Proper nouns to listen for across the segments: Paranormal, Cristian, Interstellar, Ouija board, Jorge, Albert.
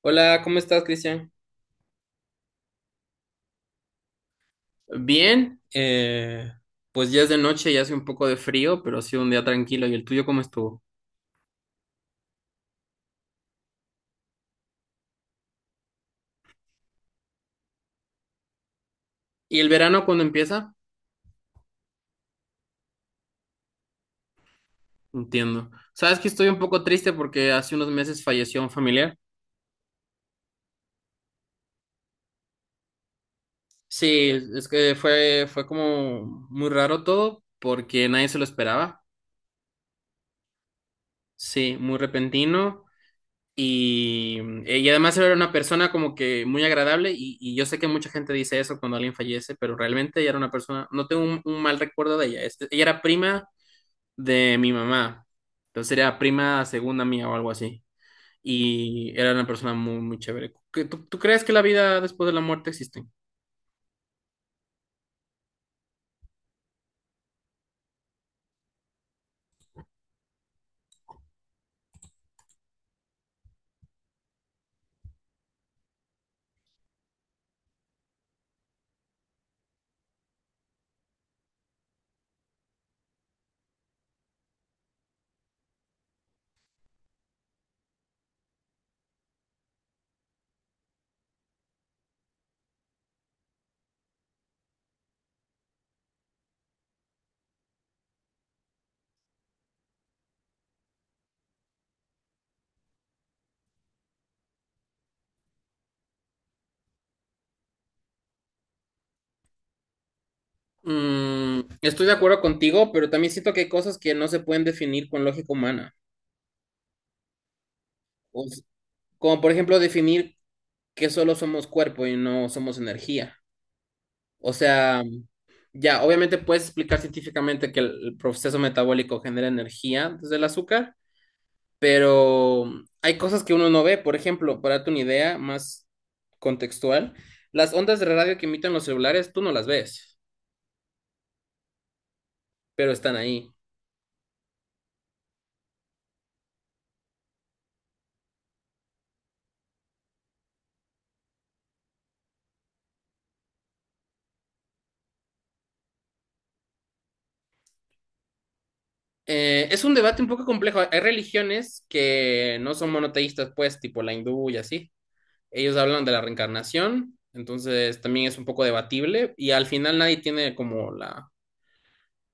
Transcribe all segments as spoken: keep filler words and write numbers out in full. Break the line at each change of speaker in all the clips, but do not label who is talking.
Hola, ¿cómo estás, Cristian? Bien, eh, pues ya es de noche y hace un poco de frío, pero ha sido un día tranquilo. ¿Y el tuyo cómo estuvo? ¿Y el verano cuándo empieza? Entiendo. Sabes que estoy un poco triste porque hace unos meses falleció un familiar. Sí, es que fue, fue como muy raro todo porque nadie se lo esperaba. Sí, muy repentino. Y, mm, y además era una persona como que muy agradable y, y yo sé que mucha gente dice eso cuando alguien fallece, pero realmente ella era una persona, no tengo un, un mal recuerdo de ella. Este- ella era prima de mi mamá, entonces era prima segunda mía o algo así. Y era una persona muy, muy chévere. ¿Qué- ¿Tú, tú crees que la vida después de la muerte existe? Mm, estoy de acuerdo contigo, pero también siento que hay cosas que no se pueden definir con lógica humana. O s- Como por ejemplo definir que solo somos cuerpo y no somos energía. O sea, ya, obviamente puedes explicar científicamente que el proceso metabólico genera energía desde el azúcar, pero hay cosas que uno no ve. Por ejemplo, para darte una idea más contextual, las ondas de radio que emiten los celulares, tú no las ves, pero están ahí. Eh, es un debate un poco complejo. Hay religiones que no son monoteístas, pues, tipo la hindú y así. Ellos hablan de la reencarnación, entonces también es un poco debatible y al final nadie tiene como la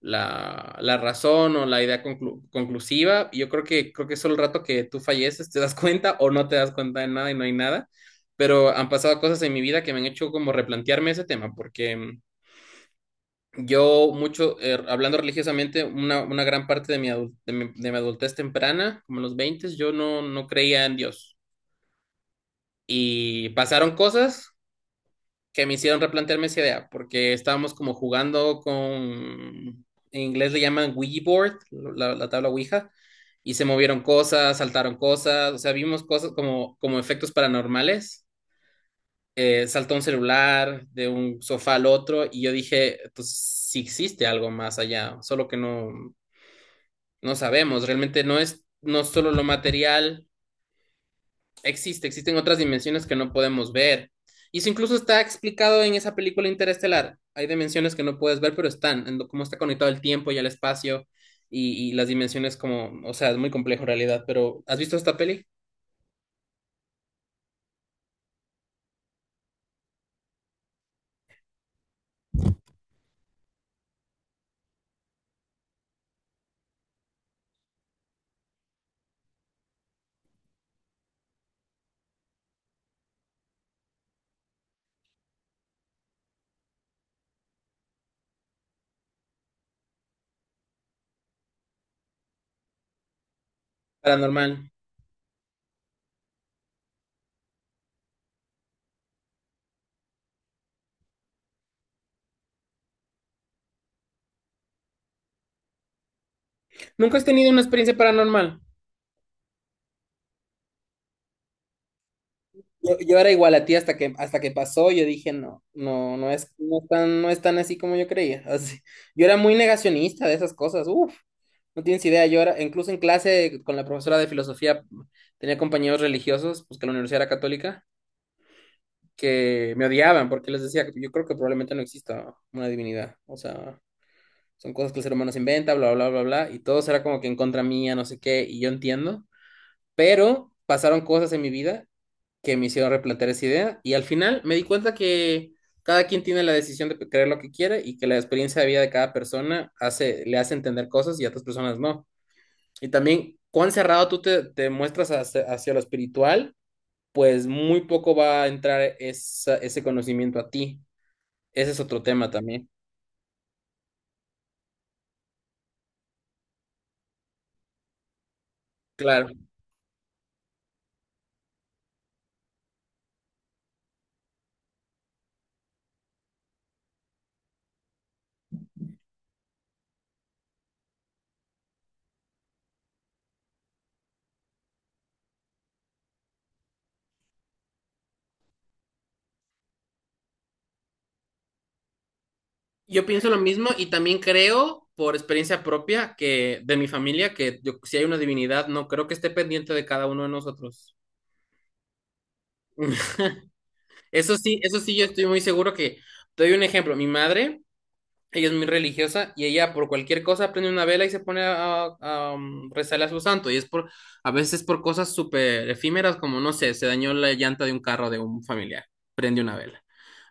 la, la razón o la idea conclu- conclusiva. Y yo creo que, creo que solo el rato que tú falleces te das cuenta o no te das cuenta de nada y no hay nada. Pero han pasado cosas en mi vida que me han hecho como replantearme ese tema, porque mm, yo mucho, eh, hablando religiosamente, una, una gran parte de mi, adul- de mi, de mi adultez temprana, como en los veinte, yo no, no creía en Dios. Y pasaron cosas que me hicieron replantearme esa idea, porque estábamos como jugando con, en inglés le llaman Ouija board, la, la tabla Ouija, y se movieron cosas, saltaron cosas, o sea, vimos cosas como, como efectos paranormales. Eh, saltó un celular de un sofá al otro y yo dije, pues sí existe algo más allá, solo que no, no sabemos, realmente no es no solo lo material existe, existen otras dimensiones que no podemos ver. Y eso incluso está explicado en esa película interestelar. Hay dimensiones que no puedes ver, pero están, en cómo está conectado el tiempo y el espacio y, y las dimensiones como, o sea, es muy complejo en realidad, pero ¿has visto esta peli? Paranormal. ¿Nunca has tenido una experiencia paranormal? Yo, yo era igual a ti hasta que, hasta que pasó, yo dije, no, no, no es, no es tan, no es tan así como yo creía. Así. Yo era muy negacionista de esas cosas, uff. No tienes idea, yo era, incluso en clase con la profesora de filosofía tenía compañeros religiosos, pues que la universidad era católica, que me odiaban porque les decía, yo creo que probablemente no exista una divinidad, o sea, son cosas que el ser humano se inventa, bla, bla, bla, bla, y todo era como que en contra mía, no sé qué, y yo entiendo, pero pasaron cosas en mi vida que me hicieron replantear esa idea, y al final me di cuenta que cada quien tiene la decisión de creer lo que quiere y que la experiencia de vida de cada persona hace, le hace entender cosas y a otras personas no. Y también, cuán cerrado tú te, te muestras hacia, hacia lo espiritual, pues muy poco va a entrar esa- ese conocimiento a ti. Ese es otro tema también. Claro. Yo pienso lo mismo y también creo, por experiencia propia, que de mi familia, que yo- si hay una divinidad, no creo que esté pendiente de cada uno de nosotros. Eso sí, eso sí, yo estoy muy seguro que, te doy un ejemplo, mi madre. Ella es muy religiosa y ella por cualquier cosa prende una vela y se pone a, a, um, rezarle a su santo. Y es por, a veces por cosas súper efímeras, como no sé, se dañó la llanta de un carro de un familiar. Prende una vela.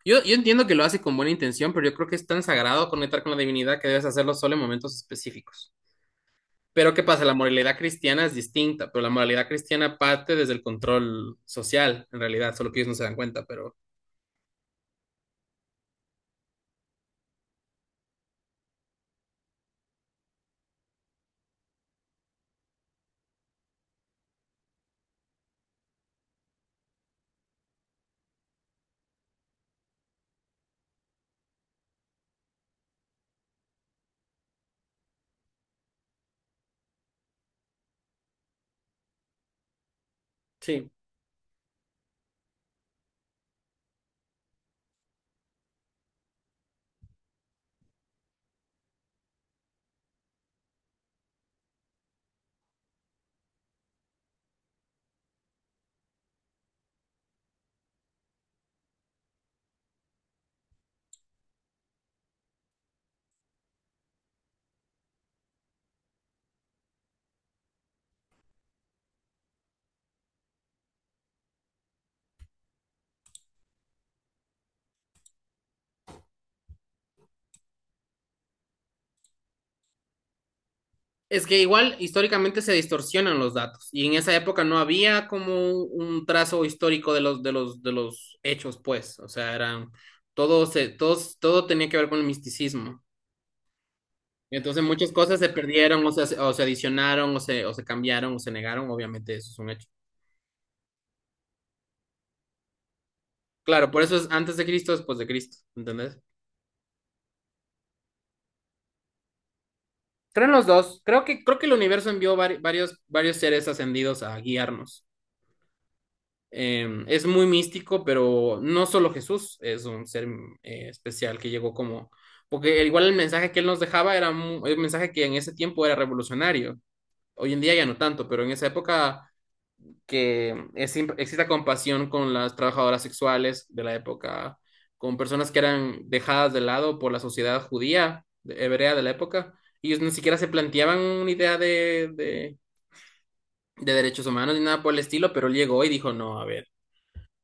Yo, yo entiendo que lo hace con buena intención, pero yo creo que es tan sagrado conectar con la divinidad que debes hacerlo solo en momentos específicos. Pero ¿qué pasa? La moralidad cristiana es distinta, pero la moralidad cristiana parte desde el control social, en realidad, solo que ellos no se dan cuenta, pero sí. Es que igual históricamente se distorsionan los datos y en esa época no había como un trazo histórico de los de los de los hechos, pues, o sea, eran todo se todos todo tenía que ver con el misticismo. Entonces muchas cosas se perdieron o se, o se adicionaron o se o se cambiaron o se negaron, obviamente eso es un hecho. Claro, por eso es antes de Cristo, después de Cristo, ¿entendés? Creo en los dos. Creo que creo que el universo envió vari- varios varios seres ascendidos a guiarnos. Eh, es muy místico, pero no solo Jesús es un ser eh, especial que llegó como, porque igual el mensaje que él nos dejaba era un mensaje que en ese tiempo era revolucionario. Hoy en día ya no tanto, pero en esa época que es- exista compasión con las trabajadoras sexuales de la época, con personas que eran dejadas de lado por la sociedad judía, de- hebrea de la época. Ellos ni siquiera se planteaban una idea de, de, de derechos humanos ni nada por el estilo, pero él llegó y dijo, no, a ver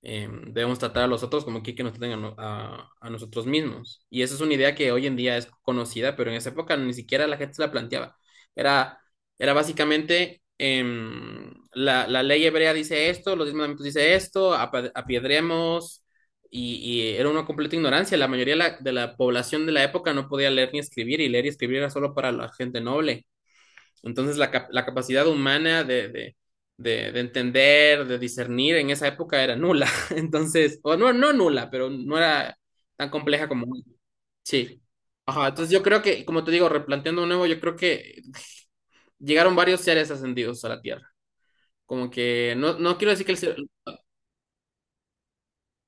eh, debemos tratar a los otros como que, que nos traten a, no- a- a nosotros mismos. Y esa es una idea que hoy en día es conocida, pero en esa época ni siquiera la gente se la planteaba. Era, Era básicamente, em, la, la ley hebrea dice esto, los diez mandamientos dice esto, apa- apiedremos, y, y era una completa ignorancia. La mayoría de la, de la población de la época no podía leer ni escribir, y leer y escribir era solo para la gente noble. Entonces la, cap la capacidad humana de, de, de, de, entender, de discernir en esa época era nula. Entonces, o no, no nula, pero no era tan compleja como hoy. Sí. Ajá, entonces yo creo que, como te digo, replanteando de nuevo, yo creo que llegaron varios seres ascendidos a la Tierra. Como que no, no quiero decir que el ser...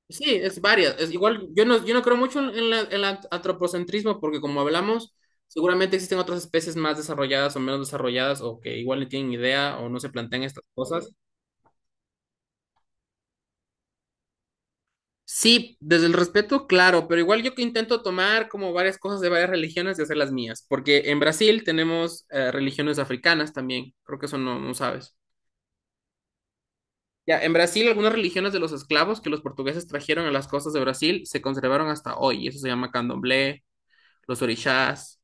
Sí, es varias. Es igual, yo no, yo no creo mucho en, la, en el antropocentrismo porque como hablamos, seguramente existen otras especies más desarrolladas o menos desarrolladas o que igual no tienen idea o no se plantean estas cosas. Sí, desde el respeto, claro, pero igual yo que intento tomar como varias cosas de varias religiones y hacer las mías, porque en Brasil tenemos eh, religiones africanas también, creo que eso no, no sabes. Ya, en Brasil algunas religiones de los esclavos que los portugueses trajeron a las costas de Brasil se conservaron hasta hoy, y eso se llama candomblé, los orixás,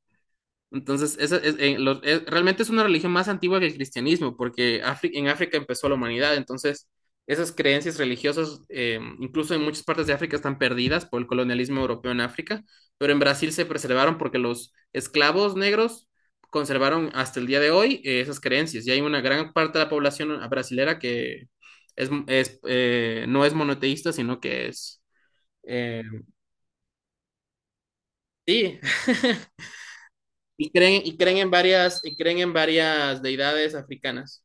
entonces, esa es- en los- es- realmente es una religión más antigua que el cristianismo, porque Afri- en África empezó la humanidad. Entonces, esas creencias religiosas, eh, incluso en muchas partes de África, están perdidas por el colonialismo europeo en África, pero en Brasil se preservaron porque los esclavos negros conservaron hasta el día de hoy, eh, esas creencias. Y hay una gran parte de la población brasilera que es, es, eh, no es monoteísta, sino que es... eh, sí, y creen, y creen en varias, y creen en varias deidades africanas.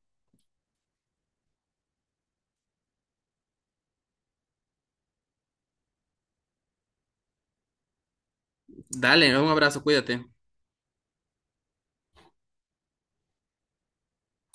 Dale, un abrazo, cuídate.